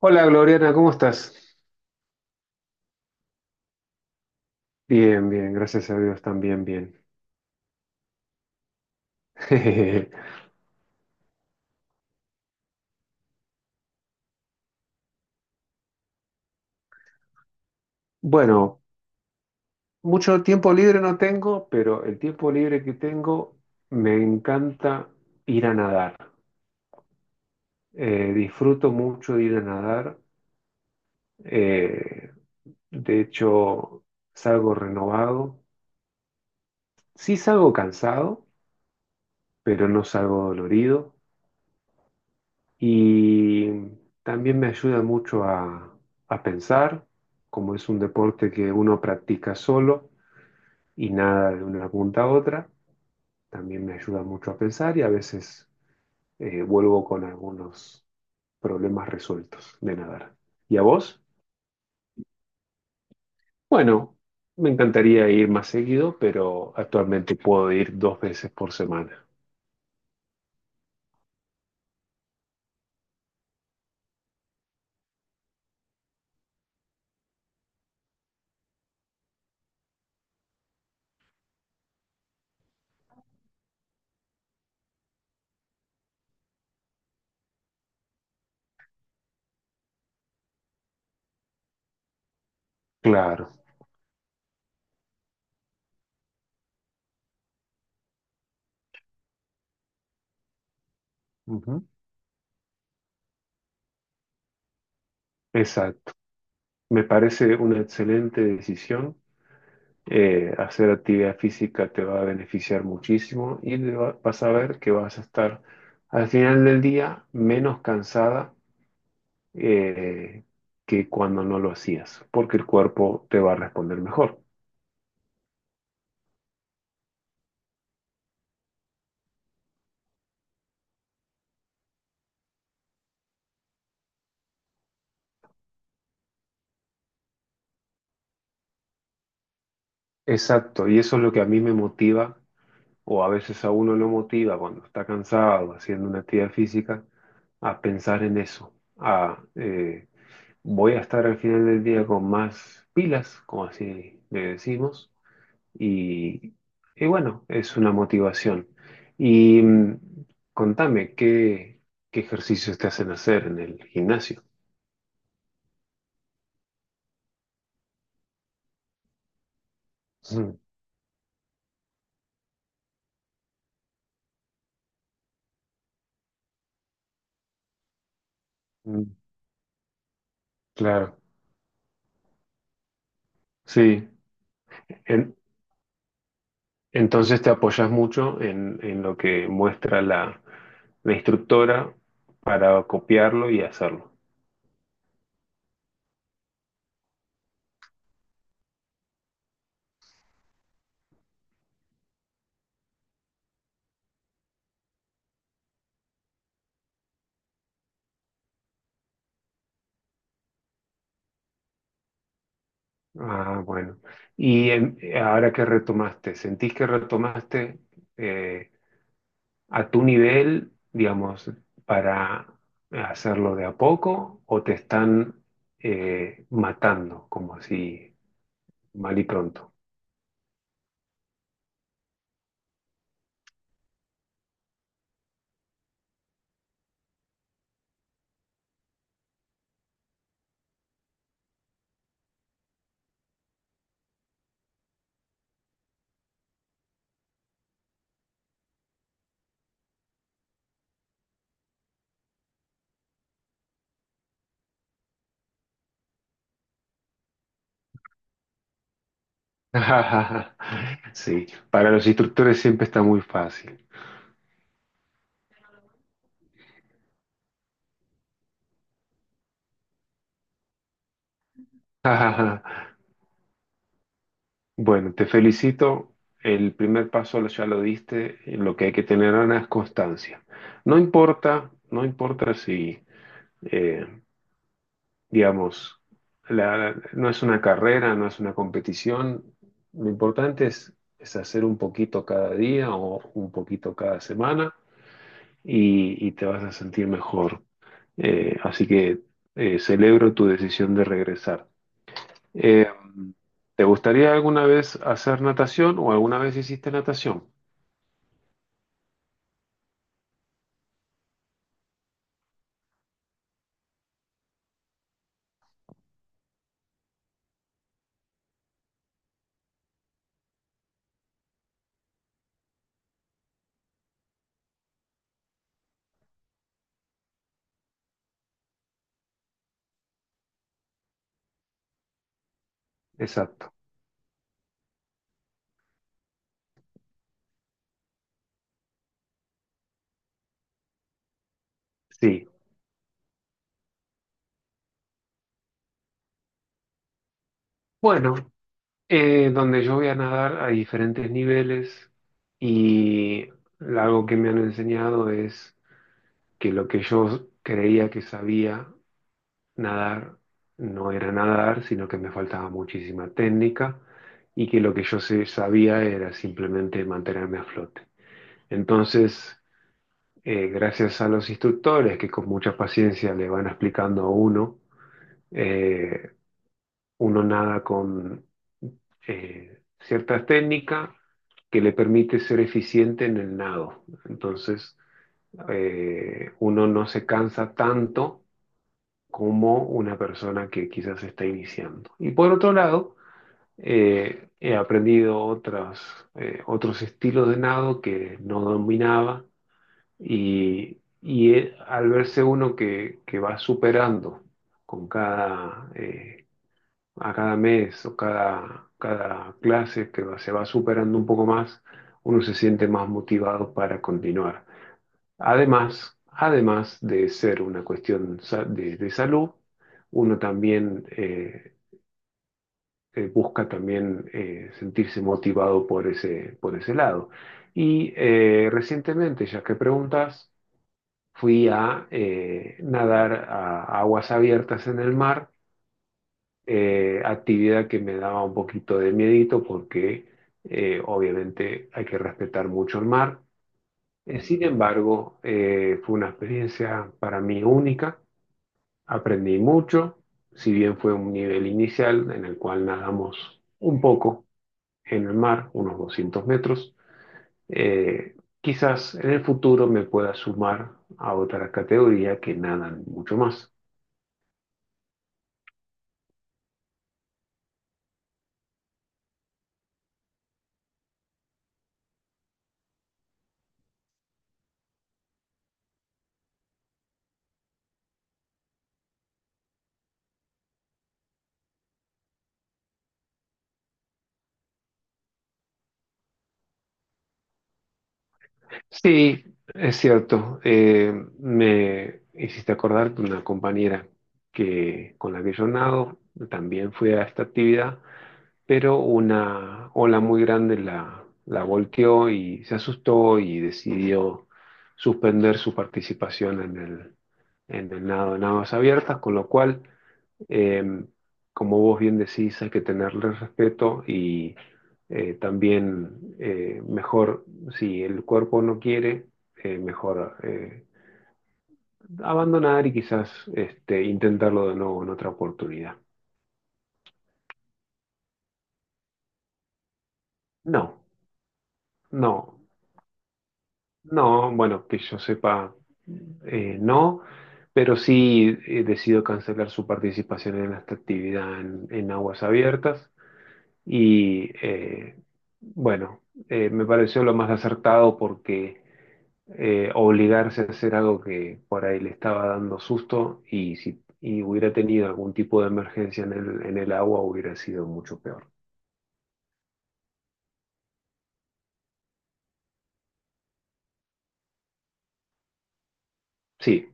Hola Gloriana, ¿cómo estás? Bien, bien, gracias a Dios también bien. Bueno, mucho tiempo libre no tengo, pero el tiempo libre que tengo me encanta ir a nadar. Disfruto mucho de ir a nadar. eh, de hecho, salgo renovado. Sí salgo cansado, pero no salgo dolorido. Y también me ayuda a pensar, como es un deporte que uno practica solo. Y nada de una punta a otra. También me ayuda mucho a pensar y a veces vuelvo con algunos problemas resueltos de nadar. ¿Y a vos? Bueno, me encantaría ir más seguido, pero actualmente puedo ir dos veces por semana. Claro, ujú, exacto. Me parece una excelente decisión. Hacer actividad física te va a beneficiar muchísimo y vas a ver que vas a estar al final del día menos cansada eh, que cuando no lo hacías, porque el cuerpo te va a responder mejor. Exacto, y eso es lo que a mí me motiva, o a veces a uno lo motiva cuando está cansado haciendo una actividad física, a pensar en eso, a voy a estar al final del día con más pilas, como así le decimos, y, y bueno, es una motivación. Y contame, ¿qué ejercicios te hacen hacer en el gimnasio? Mm, mm. Claro, sí. En- entonces te apoyas mucho en lo que muestra la instructora para copiarlo y hacerlo. Ah, bueno. Ahora que retomaste, ¿sentís que retomaste eh, a tu nivel, digamos, para hacerlo de a poco o te están matando, como así, mal y pronto? Sí, para los instructores siempre está muy fácil. Bueno, te felicito. El primer paso lo- Ya lo diste. Lo que hay que tener, Ana, es constancia. No importa, no importa si, eh, digamos, no es una carrera, no es una competición. Lo importante es hacer un poquito cada día o un poquito cada semana y te vas a sentir mejor. Así que celebro tu decisión de regresar. Eh, ¿Te gustaría alguna vez hacer natación o alguna vez hiciste natación? Exacto. Sí. Bueno, donde yo voy a nadar hay diferentes niveles y algo que me han enseñado es que lo que yo creía que sabía nadar no era nadar, sino que me faltaba muchísima técnica y que lo que yo sabía era simplemente mantenerme a flote. Entonces, gracias a los instructores que con mucha paciencia le van explicando a uno, eh, uno nada con ciertas técnicas que le permite ser eficiente en el nado. Entonces, uno no se cansa tanto como una persona que quizás está iniciando. Y por otro lado, he aprendido otros estilos de nado que no dominaba. Y al verse uno que va superando con cada, eh, a cada mes o cada clase que se va superando un poco más, uno se siente más motivado para continuar. Además de ser una cuestión de salud, uno también busca también sentirse motivado por por ese lado. Y recientemente, ya que preguntas, fui a nadar a aguas abiertas en el mar, actividad que me daba un poquito de miedito porque obviamente hay que respetar mucho el mar. Sin embargo, fue una experiencia para mí única, aprendí mucho, si bien fue un nivel inicial en el cual nadamos un poco en el mar, unos 200 metros. eh, Quizás en el futuro me pueda sumar a otra categoría que nadan mucho más. Sí, es cierto. Me hiciste acordar de una compañera que, con la que yo nado, también fue a esta actividad, pero una ola muy grande la volteó y se asustó y decidió suspender su participación en el nado en aguas abiertas, con lo cual eh, como vos bien decís, hay que tenerle respeto y también, si el cuerpo no quiere, mejor abandonar y quizás este, intentarlo de nuevo en otra oportunidad. No, no, no, bueno, que yo sepa, no, pero sí decido cancelar su participación en esta actividad en aguas abiertas. Y bueno, me pareció lo más acertado porque obligarse a hacer algo que por ahí le estaba dando susto y si y hubiera tenido algún tipo de emergencia en el agua hubiera sido mucho peor. Sí,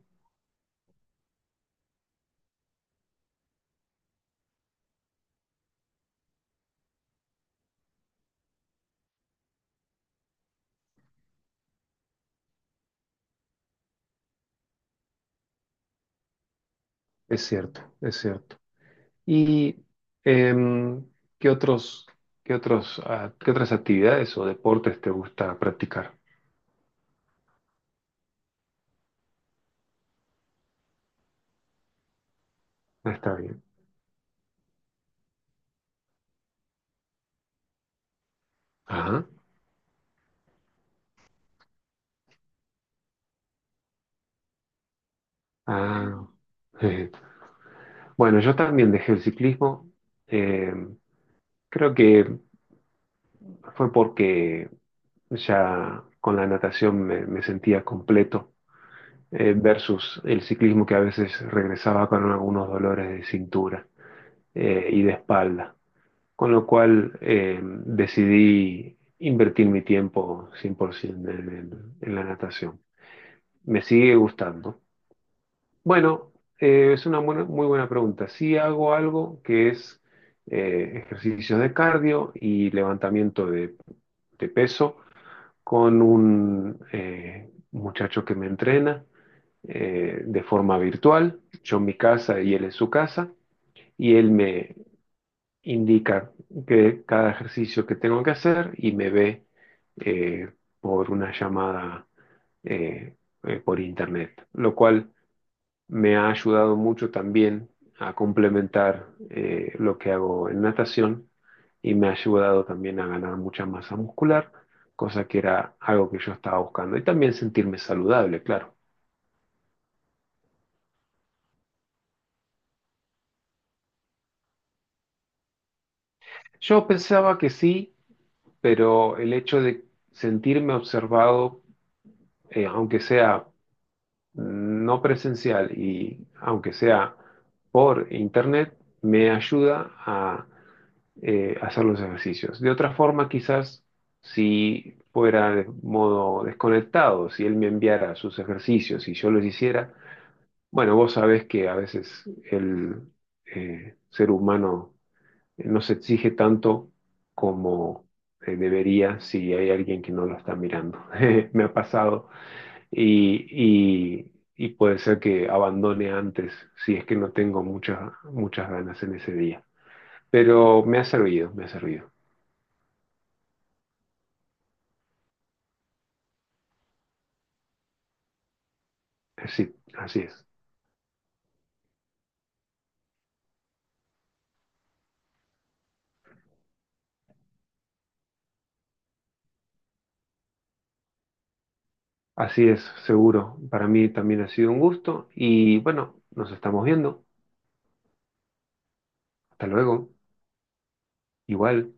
es cierto, es cierto. ¿Y em, qué otros, qué otras actividades o deportes te gusta practicar? Ah, está bien. Ajá. Ah, bueno, yo también dejé el ciclismo. Eh, Creo que fue porque ya con la natación me sentía completo versus el ciclismo que a veces regresaba con algunos dolores de cintura y de espalda. Con lo cual decidí invertir mi tiempo 100% en la natación. Me sigue gustando. Bueno, muy buena pregunta. Sí hago algo que es ejercicios de cardio y levantamiento de peso con un muchacho que me entrena de forma virtual, yo en mi casa y él en su casa, y él me indica que cada ejercicio que tengo que hacer y me ve eh, por una llamada eh, por internet, lo cual me ha ayudado mucho también a complementar lo que hago en natación y me ha ayudado también a ganar mucha masa muscular, cosa que era algo que yo estaba buscando. Y también sentirme saludable, claro. Yo pensaba que sí, pero el hecho de sentirme observado, aunque sea no presencial y aunque sea por internet, me ayuda a hacer los ejercicios. De otra forma, quizás si fuera de modo desconectado, si él me enviara sus ejercicios y yo los hiciera, bueno, vos sabés que a veces el ser humano no se exige tanto como debería si hay alguien que no lo está mirando. Me ha pasado y puede ser que abandone antes si es que no tengo muchas ganas en ese día. Pero me ha servido, me ha servido. Sí, así es. Así es, seguro. Para mí también ha sido un gusto y bueno, nos estamos viendo. Hasta luego. Igual.